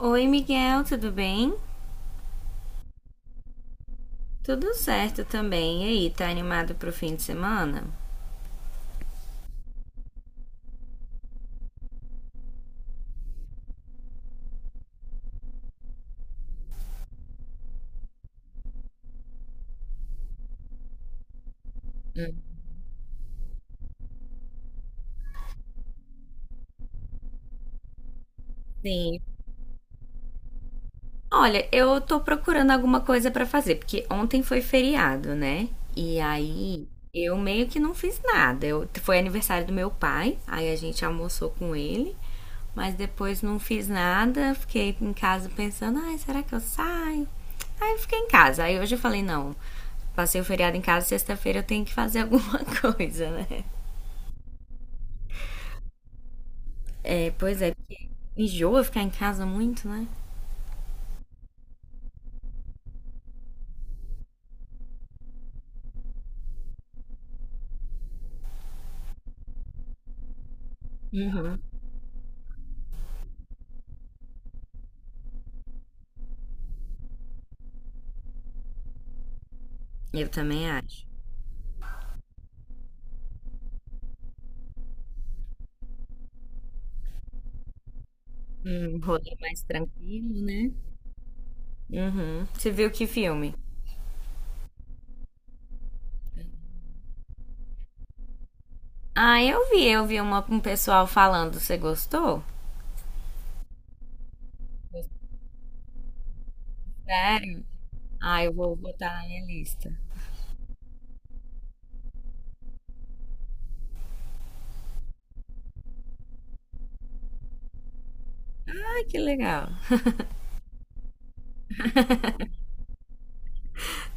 Oi, Miguel, tudo bem? Tudo certo também. E aí, tá animado pro fim de semana? Sim. Olha, eu tô procurando alguma coisa pra fazer, porque ontem foi feriado, né? E aí eu meio que não fiz nada. Foi aniversário do meu pai, aí a gente almoçou com ele, mas depois não fiz nada. Fiquei em casa pensando, ai, será que eu saio? Aí eu fiquei em casa. Aí hoje eu falei, não, passei o feriado em casa, sexta-feira eu tenho que fazer alguma coisa, né? É, pois é, porque enjoa ficar em casa muito, né? Uhum. Eu também acho. Um rolê mais tranquilo, né? Uhum. Você viu que filme? Ah, eu vi, um pessoal falando. Você gostou? Sério? Ah, eu vou botar na minha lista. Ai, que legal.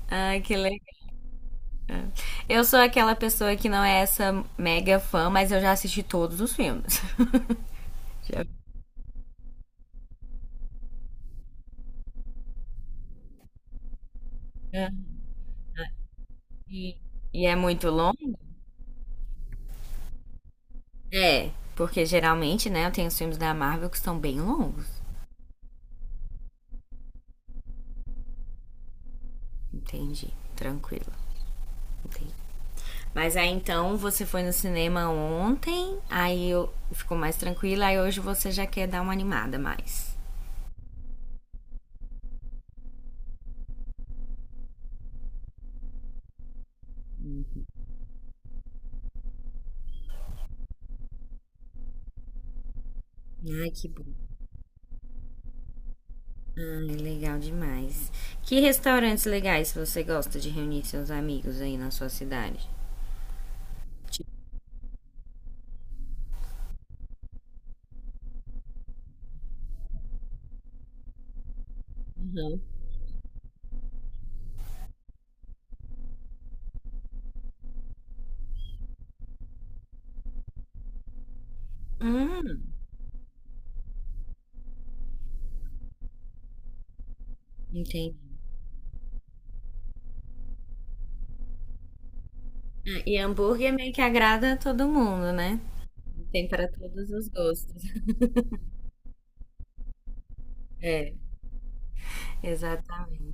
Ai, que legal. Eu sou aquela pessoa que não é essa mega fã, mas eu já assisti todos os filmes. Já- já- E, e é muito longo? É, porque geralmente, né, eu tenho os filmes da Marvel que são bem longos. Entendi. Tranquilo. Entendi. Mas aí então você foi no cinema ontem, aí eu ficou mais tranquila, aí hoje você já quer dar uma animada mais. Ai, que bom. Ai, legal demais. Que restaurantes legais você gosta de reunir seus amigos aí na sua cidade? Tipo. Uhum. Hum, entendi. Ah, e hambúrguer meio que agrada a todo mundo, né? Tem para todos os gostos. É, exatamente.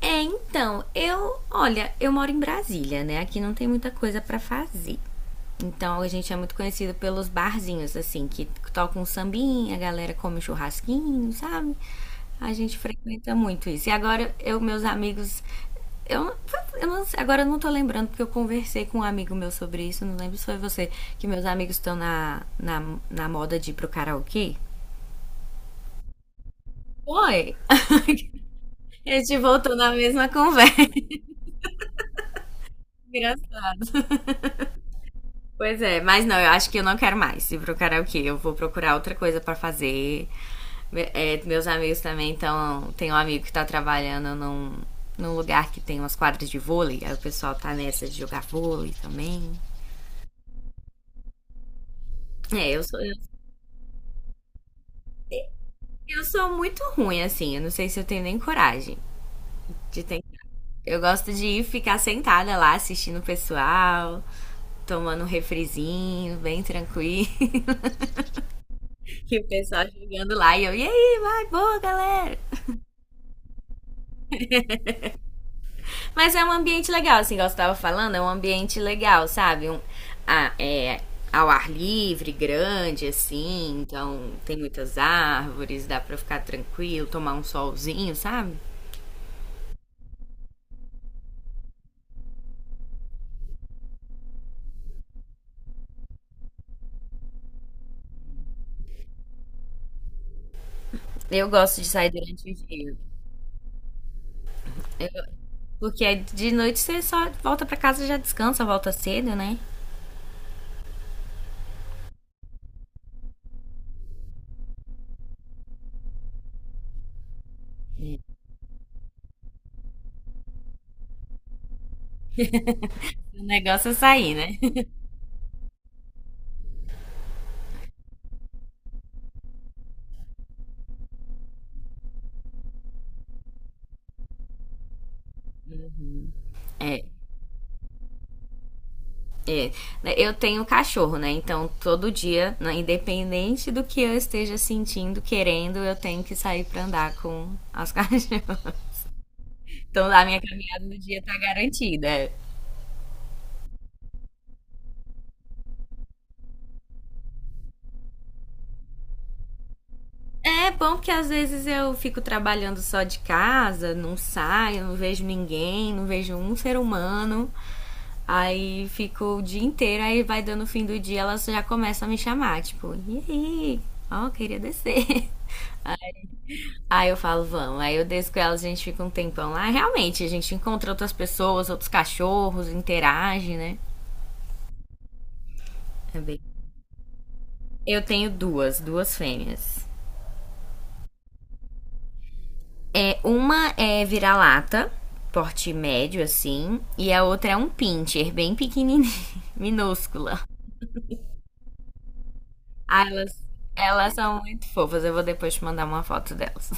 É, então, eu, olha, eu moro em Brasília, né? Aqui não tem muita coisa pra fazer. Então a gente é muito conhecido pelos barzinhos, assim, que tocam um sambinha, a galera come um churrasquinho, sabe? A gente frequenta muito isso. E agora eu, eu não sei, agora eu não tô lembrando porque eu conversei com um amigo meu sobre isso, não lembro se foi você, que meus amigos estão na moda de ir pro karaokê. Foi! A gente voltou na mesma conversa. Engraçado. Pois é, mas não, eu acho que eu não quero mais ir pro karaokê. Eu vou procurar outra coisa pra fazer. É, meus amigos também. Então tem um amigo que tá trabalhando num lugar que tem umas quadras de vôlei. Aí o pessoal tá nessa de jogar vôlei também. É, eu sou, eu, eu sou muito ruim, assim. Eu não sei se eu tenho nem coragem de ter. Eu gosto de ir ficar sentada lá assistindo o pessoal. Tomando um refrizinho, bem tranquilo. E o pessoal jogando lá. E eu, e aí, vai, boa, galera. Mas é um ambiente legal, assim, igual você tava falando, é um ambiente legal, sabe? A- é, ao ar livre, grande, assim, então tem muitas árvores, dá pra ficar tranquilo, tomar um solzinho, sabe? Eu gosto de sair durante o dia. Porque aí de noite você só volta pra casa, já descansa, volta cedo, né? O negócio é sair, né? É, é. Eu tenho cachorro, né? Então todo dia, né, independente do que eu esteja sentindo, querendo, eu tenho que sair pra andar com as cachorras. Então lá minha caminhada do dia tá garantida. É bom porque às vezes eu fico trabalhando só de casa, não saio, não vejo ninguém, não vejo um ser humano. Aí fico o dia inteiro, aí vai dando o fim do dia, elas já começam a me chamar, tipo, e aí? Ó, queria descer. Aí eu falo, vamos. Aí eu desço com elas, a gente fica um tempão lá. Realmente, a gente encontra outras pessoas, outros cachorros, interage, né? É bem- Eu tenho duas, duas fêmeas. É, uma é vira-lata, porte médio, assim, e a outra é um pincher, bem pequenininha, minúscula. Ah, elas são muito fofas, eu vou depois te mandar uma foto delas.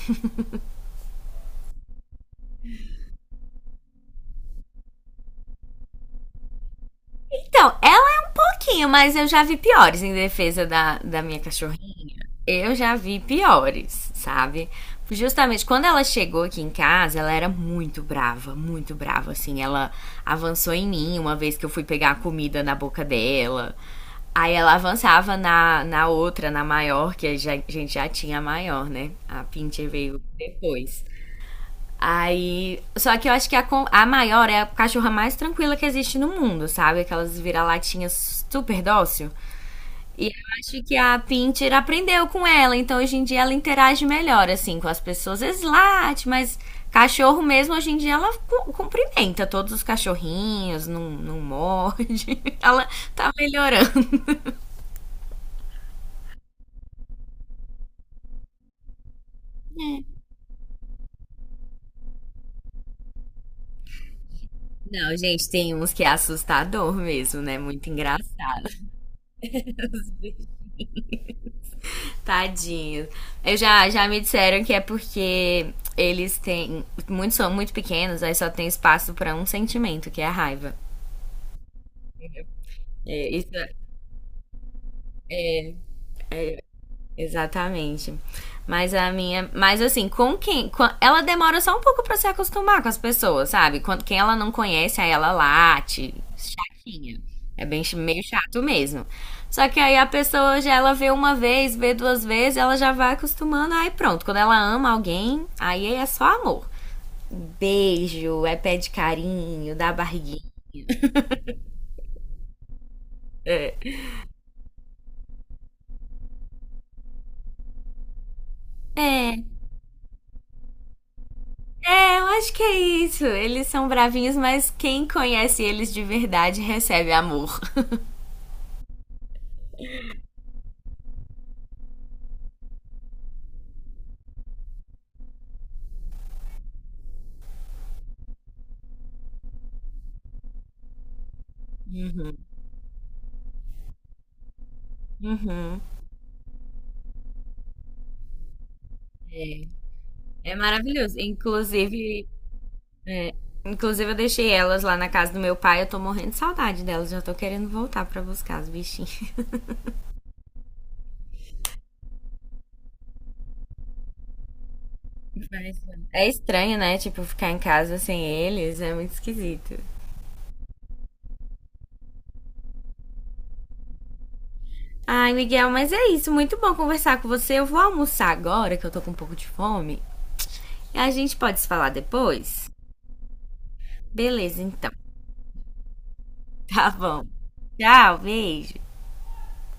Então, ela é um pouquinho, mas eu já vi piores em defesa da minha cachorrinha. Eu já vi piores, sabe? Justamente quando ela chegou aqui em casa, ela era muito brava, muito brava. Assim, ela avançou em mim uma vez que eu fui pegar a comida na boca dela. Aí ela avançava na outra, na maior, que a gente já tinha a maior, né? A Pincher veio depois. Aí. Só que eu acho que a maior é a cachorra mais tranquila que existe no mundo, sabe? Aquelas vira-latinhas super dócil. E eu acho que a Pinter aprendeu com ela, então hoje em dia ela interage melhor, assim, com as pessoas. Às vezes late, mas cachorro mesmo, hoje em dia ela cumprimenta todos os cachorrinhos, não, não morde. Ela tá melhorando. Não, gente, tem uns que é assustador mesmo, né? Muito engraçado. Tadinho. Já me disseram que é porque eles têm. Muitos são muito pequenos, aí só tem espaço pra um sentimento, que é a raiva. É, isso é, exatamente. Mas a minha. Mas assim, ela demora só um pouco pra se acostumar com as pessoas, sabe? Quem ela não conhece, aí ela late, chatinha. Meio chato mesmo. Só que aí a pessoa já ela vê uma vez, vê duas vezes, ela já vai acostumando, aí pronto. Quando ela ama alguém, aí é só amor. Beijo, é pé de carinho, dá barriguinha. É, eu acho que é isso. Eles são bravinhos, mas quem conhece eles de verdade recebe amor. Uhum. É maravilhoso. É, inclusive eu deixei elas lá na casa do meu pai. Eu tô morrendo de saudade delas. Já tô querendo voltar pra buscar os bichinhos. Mas é estranho, né? Tipo, ficar em casa sem eles. É muito esquisito. Ai, Miguel, mas é isso. Muito bom conversar com você. Eu vou almoçar agora, que eu tô com um pouco de fome. A gente pode se falar depois? Beleza, então. Tá bom. Tchau, beijo.